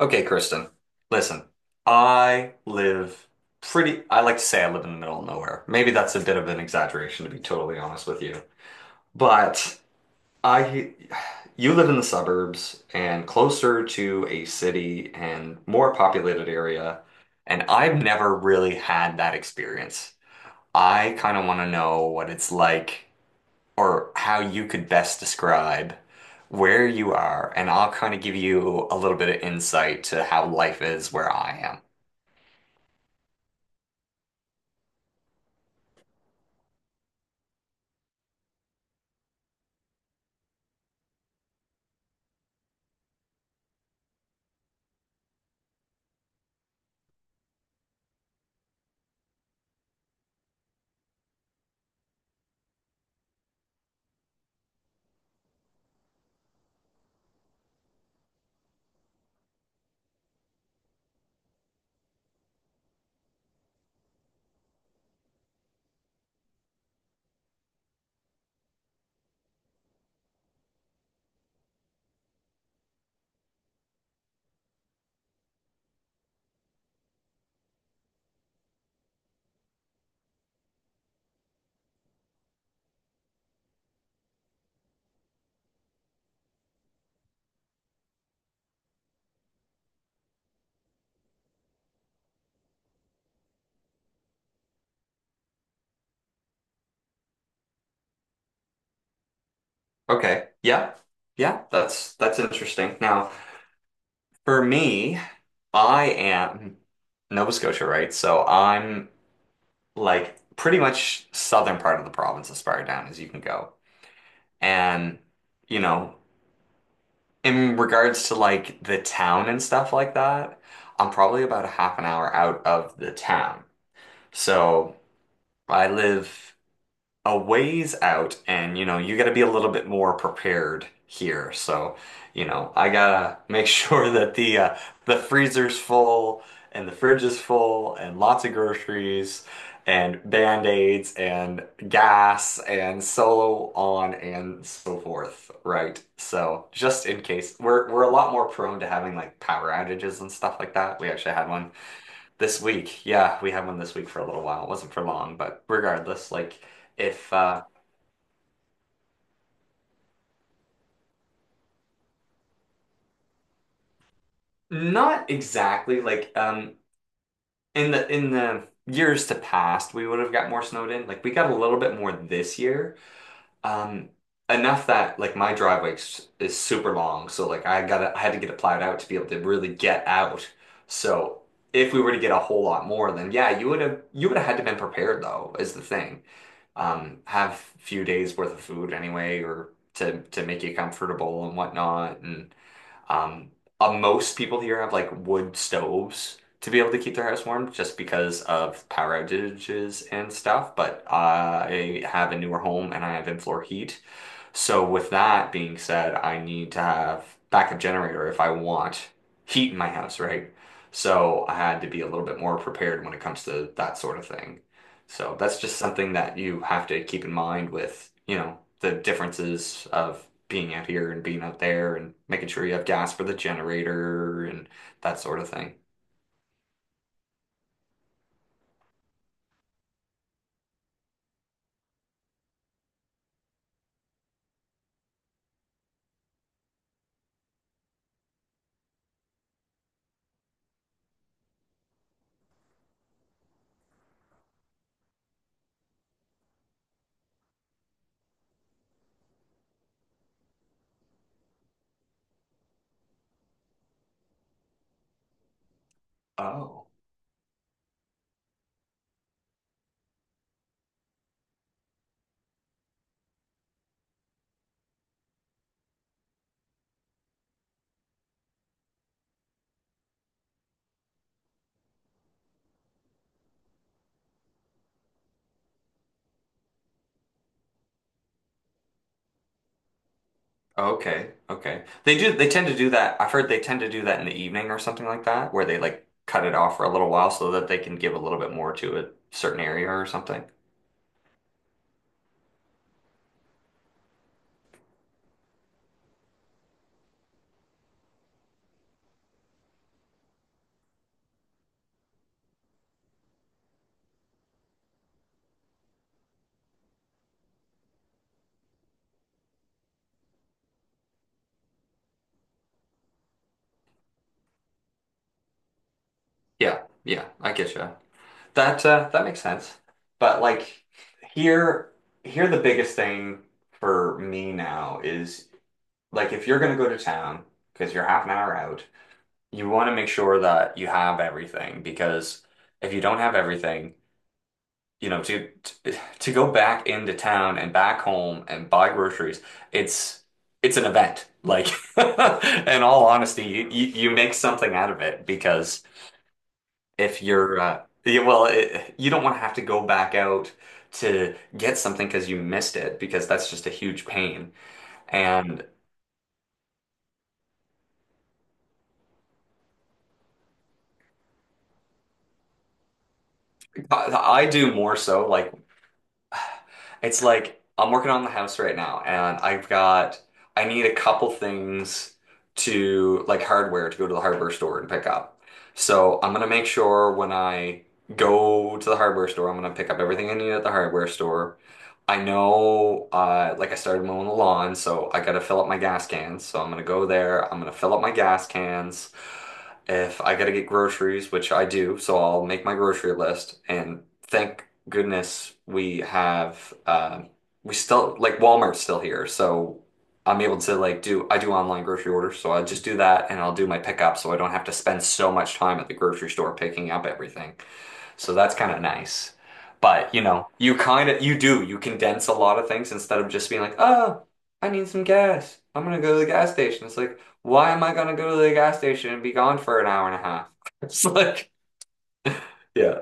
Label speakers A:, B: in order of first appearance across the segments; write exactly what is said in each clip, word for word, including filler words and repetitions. A: Okay, Kristen, listen, I live pretty, I like to say I live in the middle of nowhere. Maybe that's a bit of an exaggeration, to be totally honest with you. But I, you live in the suburbs and closer to a city and more populated area. And I've never really had that experience. I kind of want to know what it's like or how you could best describe where you are, and I'll kind of give you a little bit of insight to how life is where I am. Okay. Yeah. Yeah, that's that's interesting. Now, for me, I am Nova Scotia, right? So I'm like pretty much southern part of the province as far down as you can go. And you know, in regards to like the town and stuff like that, I'm probably about a half an hour out of the town. So I live a ways out and you know, you gotta be a little bit more prepared here. So, you know, I gotta make sure that the uh, the freezer's full and the fridge is full and lots of groceries and band-aids and gas and solo on and so forth, right? So, just in case we're we're a lot more prone to having like power outages and stuff like that. We actually had one this week, yeah, we had one this week for a little while. It wasn't for long, but regardless, like if uh not exactly like um in the in the years to past, we would have got more snowed in. Like we got a little bit more this year. Um Enough that like my driveway s- is super long, so like I gotta I had to get it plowed out to be able to really get out. So if we were to get a whole lot more, then yeah, you would have you would have had to been prepared though, is the thing. Um, have few days worth of food anyway, or to to make you comfortable and whatnot. And um, uh, most people here have like wood stoves to be able to keep their house warm, just because of power outages and stuff. But uh, I have a newer home and I have in-floor heat, so with that being said, I need to have backup generator if I want heat in my house, right? So I had to be a little bit more prepared when it comes to that sort of thing. So that's just something that you have to keep in mind with, you know, the differences of being out here and being out there and making sure you have gas for the generator and that sort of thing. Oh. Okay, okay. They do, they tend to do that. I've heard they tend to do that in the evening or something like that, where they like cut it off for a little while so that they can give a little bit more to a certain area or something. Yeah, yeah, I get you. That uh, that makes sense. But like here, here the biggest thing for me now is like if you're gonna go to town because you're half an hour out, you want to make sure that you have everything because if you don't have everything you know, to to go back into town and back home and buy groceries, it's it's an event. Like, in all honesty, you, you you make something out of it because if you're uh, yeah, well, it, you don't want to have to go back out to get something because you missed it because that's just a huge pain. And I I do more so like it's like I'm working on the house right now, and I've got I need a couple things to like hardware to go to the hardware store and pick up. So I'm gonna make sure when I go to the hardware store, I'm gonna pick up everything I need at the hardware store. I know, uh, like I started mowing the lawn, so I gotta fill up my gas cans. So I'm gonna go there. I'm gonna fill up my gas cans. If I gotta get groceries, which I do, so I'll make my grocery list. And thank goodness we have, uh, we still like Walmart's still here, so I'm able to like do I do online grocery orders, so I just do that and I'll do my pickup, so I don't have to spend so much time at the grocery store picking up everything. So that's kind of nice. But, you know, you kind of, you do, you condense a lot of things instead of just being like, oh, I need some gas. I'm gonna go to the gas station. It's like, why am I gonna go to the gas station and be gone for an hour and a half? It's like, yeah,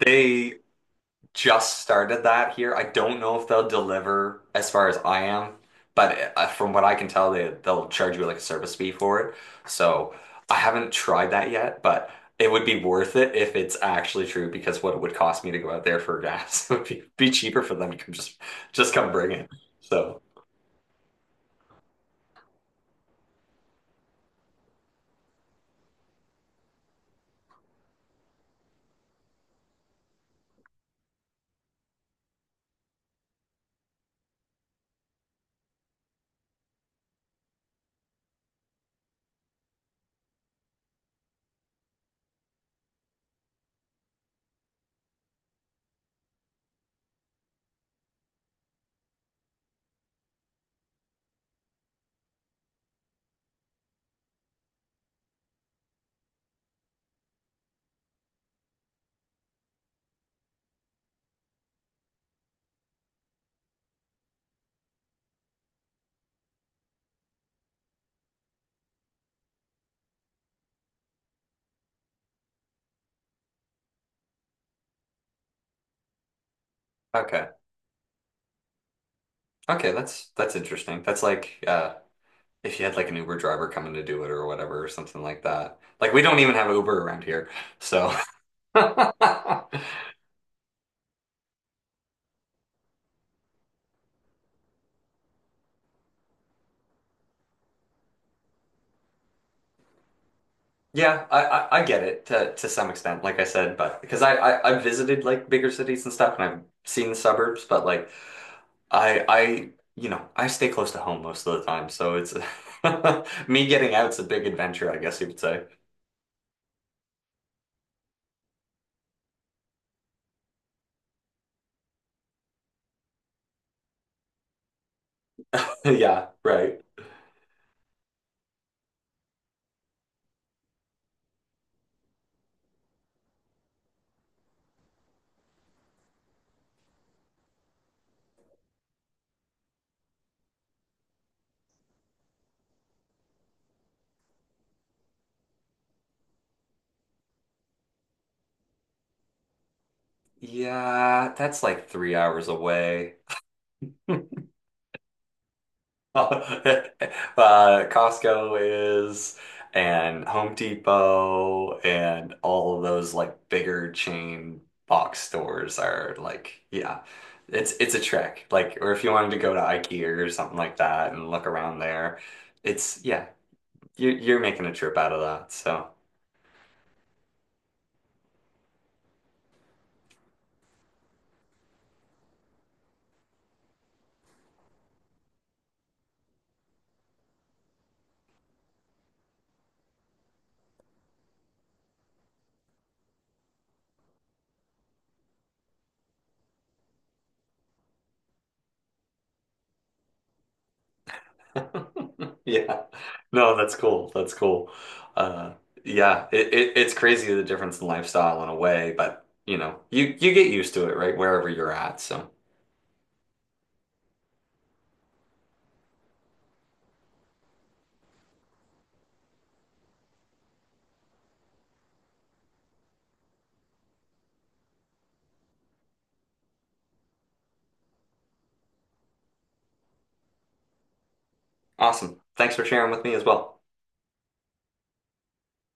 A: they just started that here. I don't know if they'll deliver as far as I am, but uh, from what I can tell, they they'll charge you like a service fee for it. So I haven't tried that yet, but it would be worth it if it's actually true because what it would cost me to go out there for gas would be, be cheaper for them to come just just come bring it. So okay, okay, that's that's interesting. That's like uh, if you had like an Uber driver coming to do it or whatever or something like that. Like we don't even have Uber around here, so. Yeah, I, I, I get it to, to some extent, like I said, but because I, I, I've visited like bigger cities and stuff and I've seen the suburbs, but like I, I, you know, I stay close to home most of the time. So it's me getting out's a big adventure, I guess you could say. Yeah, right. Yeah, that's like three hours away. Uh, Costco is, and Home Depot, and all of those like bigger chain box stores are like, yeah, it's it's a trek. Like, or if you wanted to go to IKEA or something like that and look around there, it's yeah, you're you're making a trip out of that. So yeah, no, that's cool. That's cool. Uh, yeah, it, it it's crazy the difference in lifestyle in a way, but you know, you you get used to it, right? Wherever you're at, so. Awesome. Thanks for sharing with me as well.